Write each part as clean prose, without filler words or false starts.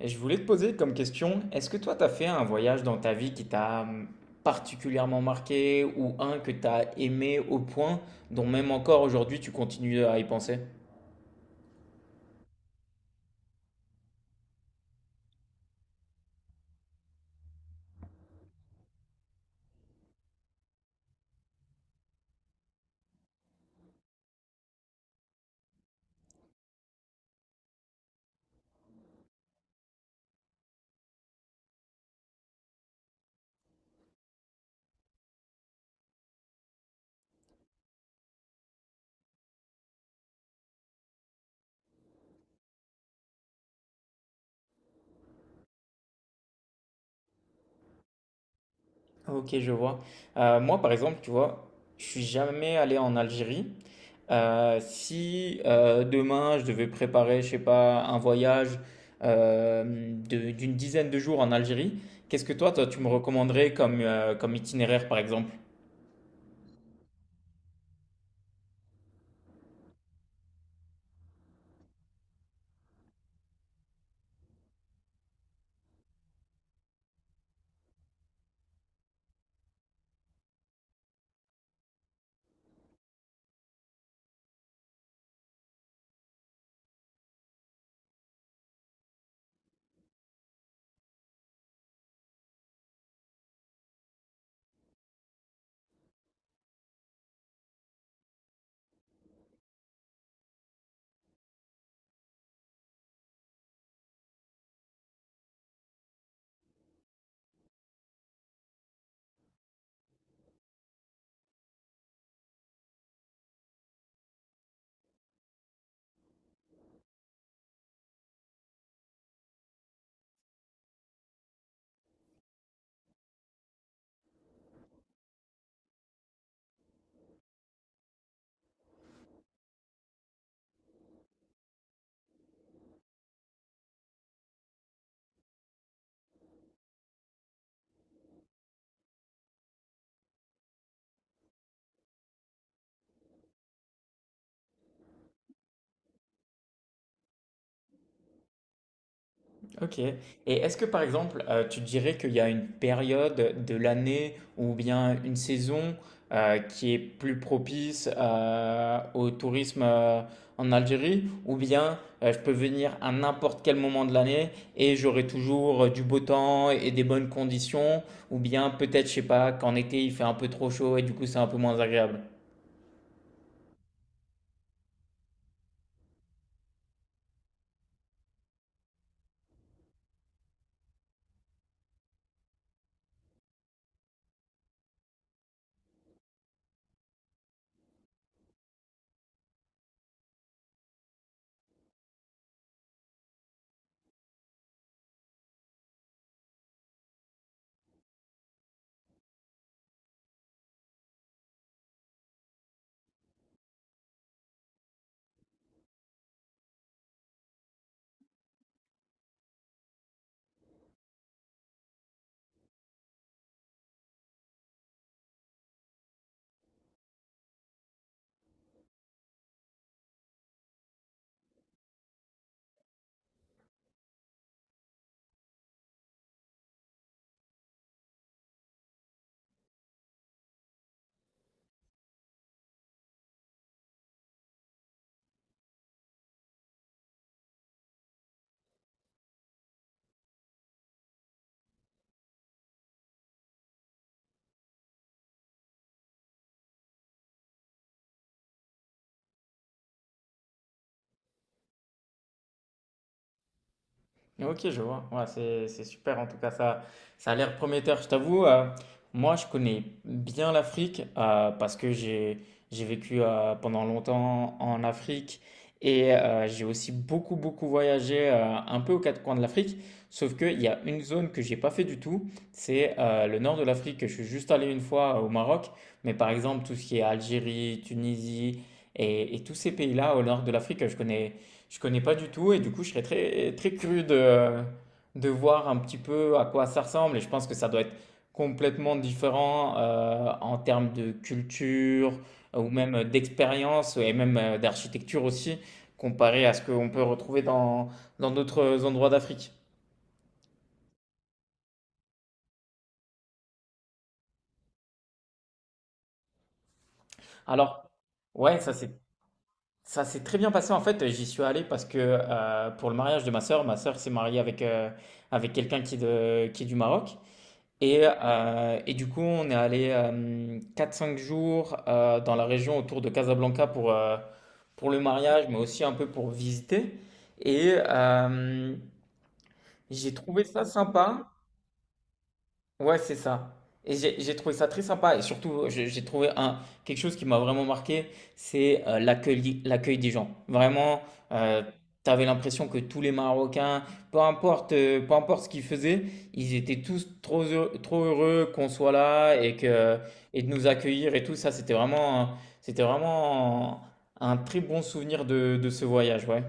Et je voulais te poser comme question, est-ce que toi, tu as fait un voyage dans ta vie qui t'a particulièrement marqué ou un que tu as aimé au point dont même encore aujourd'hui tu continues à y penser? Ok, je vois. Moi, par exemple, tu vois, je suis jamais allé en Algérie. Si demain je devais préparer, je sais pas, un voyage d'une dizaine de jours en Algérie, qu'est-ce que toi, tu me recommanderais comme, comme itinéraire, par exemple? Ok. Et est-ce que par exemple, tu dirais qu'il y a une période de l'année ou bien une saison qui est plus propice au tourisme en Algérie, ou bien je peux venir à n'importe quel moment de l'année et j'aurai toujours du beau temps et des bonnes conditions, ou bien peut-être, je sais pas, qu'en été il fait un peu trop chaud et du coup c'est un peu moins agréable. Ok, je vois. Ouais, c'est super. En tout cas, ça a l'air prometteur. Je t'avoue, moi, je connais bien l'Afrique parce que j'ai vécu pendant longtemps en Afrique et j'ai aussi beaucoup beaucoup voyagé un peu aux quatre coins de l'Afrique. Sauf qu'il y a une zone que j'ai pas fait du tout, c'est le nord de l'Afrique. Je suis juste allé une fois au Maroc, mais par exemple tout ce qui est Algérie, Tunisie et, tous ces pays-là au nord de l'Afrique, je connais. Je connais pas du tout et du coup, je serais très, très curieux de voir un petit peu à quoi ça ressemble. Et je pense que ça doit être complètement différent en termes de culture ou même d'expérience et même d'architecture aussi, comparé à ce qu'on peut retrouver dans d'autres endroits d'Afrique. Alors, ouais, ça c'est. Ça s'est très bien passé en fait, j'y suis allé parce que pour le mariage de ma sœur s'est mariée avec, avec quelqu'un qui est du Maroc. Et du coup, on est allé 4-5 jours dans la région autour de Casablanca pour le mariage, mais aussi un peu pour visiter. Et j'ai trouvé ça sympa. Ouais, c'est ça. Et j'ai trouvé ça très sympa. Et surtout, j'ai trouvé un, quelque chose qui m'a vraiment marqué, c'est l'accueil, l'accueil des gens. Vraiment, euh, t'avais l'impression que tous les Marocains, peu importe ce qu'ils faisaient, ils étaient tous trop heureux qu'on soit là et que, et de nous accueillir et tout ça. C'était c'était vraiment un très bon souvenir de ce voyage, ouais.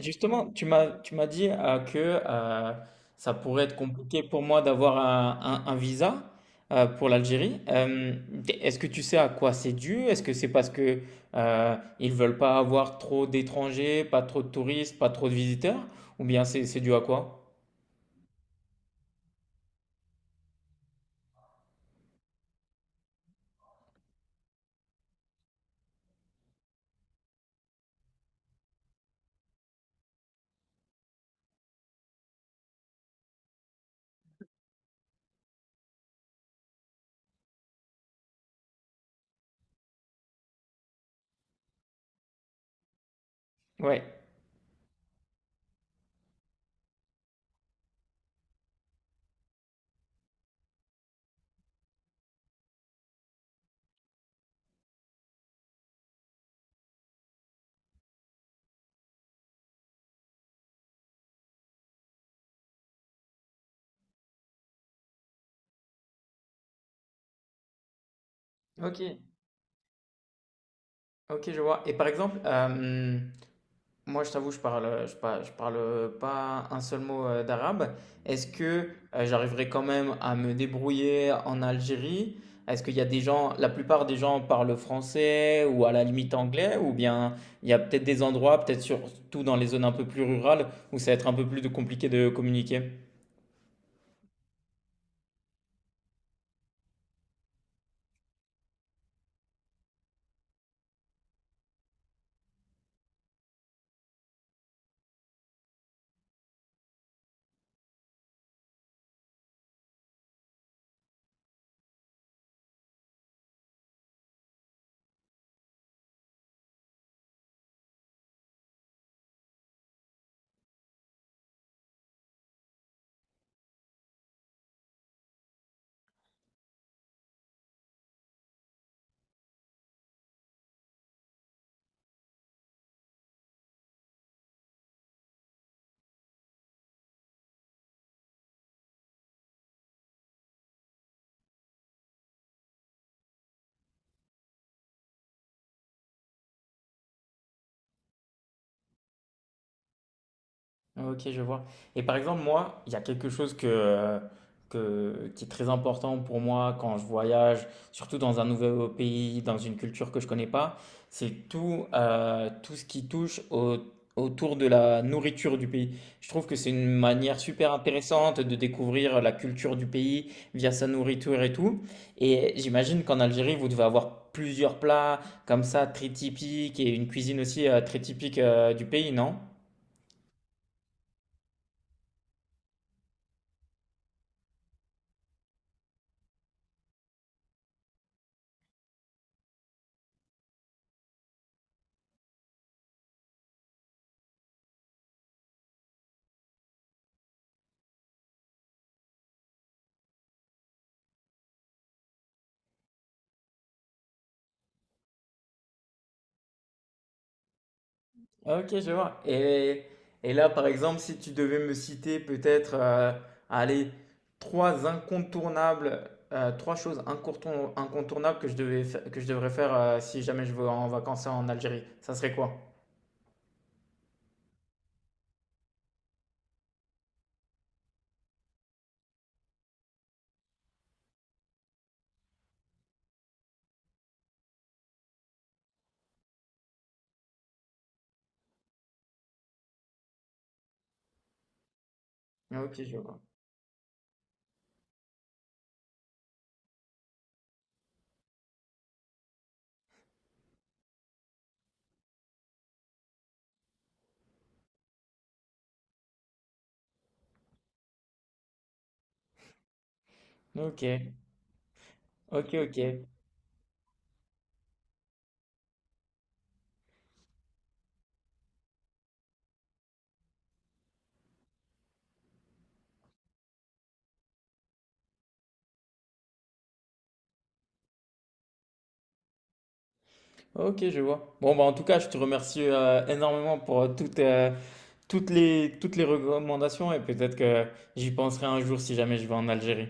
Justement, tu m'as dit que ça pourrait être compliqué pour moi d'avoir un visa pour l'Algérie. Est-ce que tu sais à quoi c'est dû? Est-ce que c'est parce que ils veulent pas avoir trop d'étrangers, pas trop de touristes, pas trop de visiteurs? Ou bien c'est dû à quoi? Ouais. Ok, ok, je vois. Et par exemple, moi, je t'avoue, je parle pas un seul mot d'arabe. Est-ce que j'arriverai quand même à me débrouiller en Algérie? Est-ce qu'il y a des gens, la plupart des gens parlent français ou à la limite anglais, ou bien il y a peut-être des endroits, peut-être surtout dans les zones un peu plus rurales, où ça va être un peu plus de- compliqué de communiquer? Ok, je vois. Et par exemple, moi, il y a quelque chose qui est très important pour moi quand je voyage, surtout dans un nouveau pays, dans une culture que je connais pas, c'est tout, tout ce autour de la nourriture du pays. Je trouve que c'est une manière super intéressante de découvrir la culture du pays via sa nourriture et tout. Et j'imagine qu'en Algérie, vous devez avoir plusieurs plats comme ça, très typiques, et une cuisine aussi très typique du pays, non? Ah, ok, je vois. Et là, par exemple, si tu devais me citer peut-être, allez, trois incontournables, incontournables que que je devrais faire si jamais je vais en vacances en Algérie, ça serait quoi? Ok, je vois. Ok, ok, ok. Ok, je vois. Bon, bah, en tout cas, je te remercie énormément pour toutes, toutes les recommandations et peut-être que j'y penserai un jour si jamais je vais en Algérie.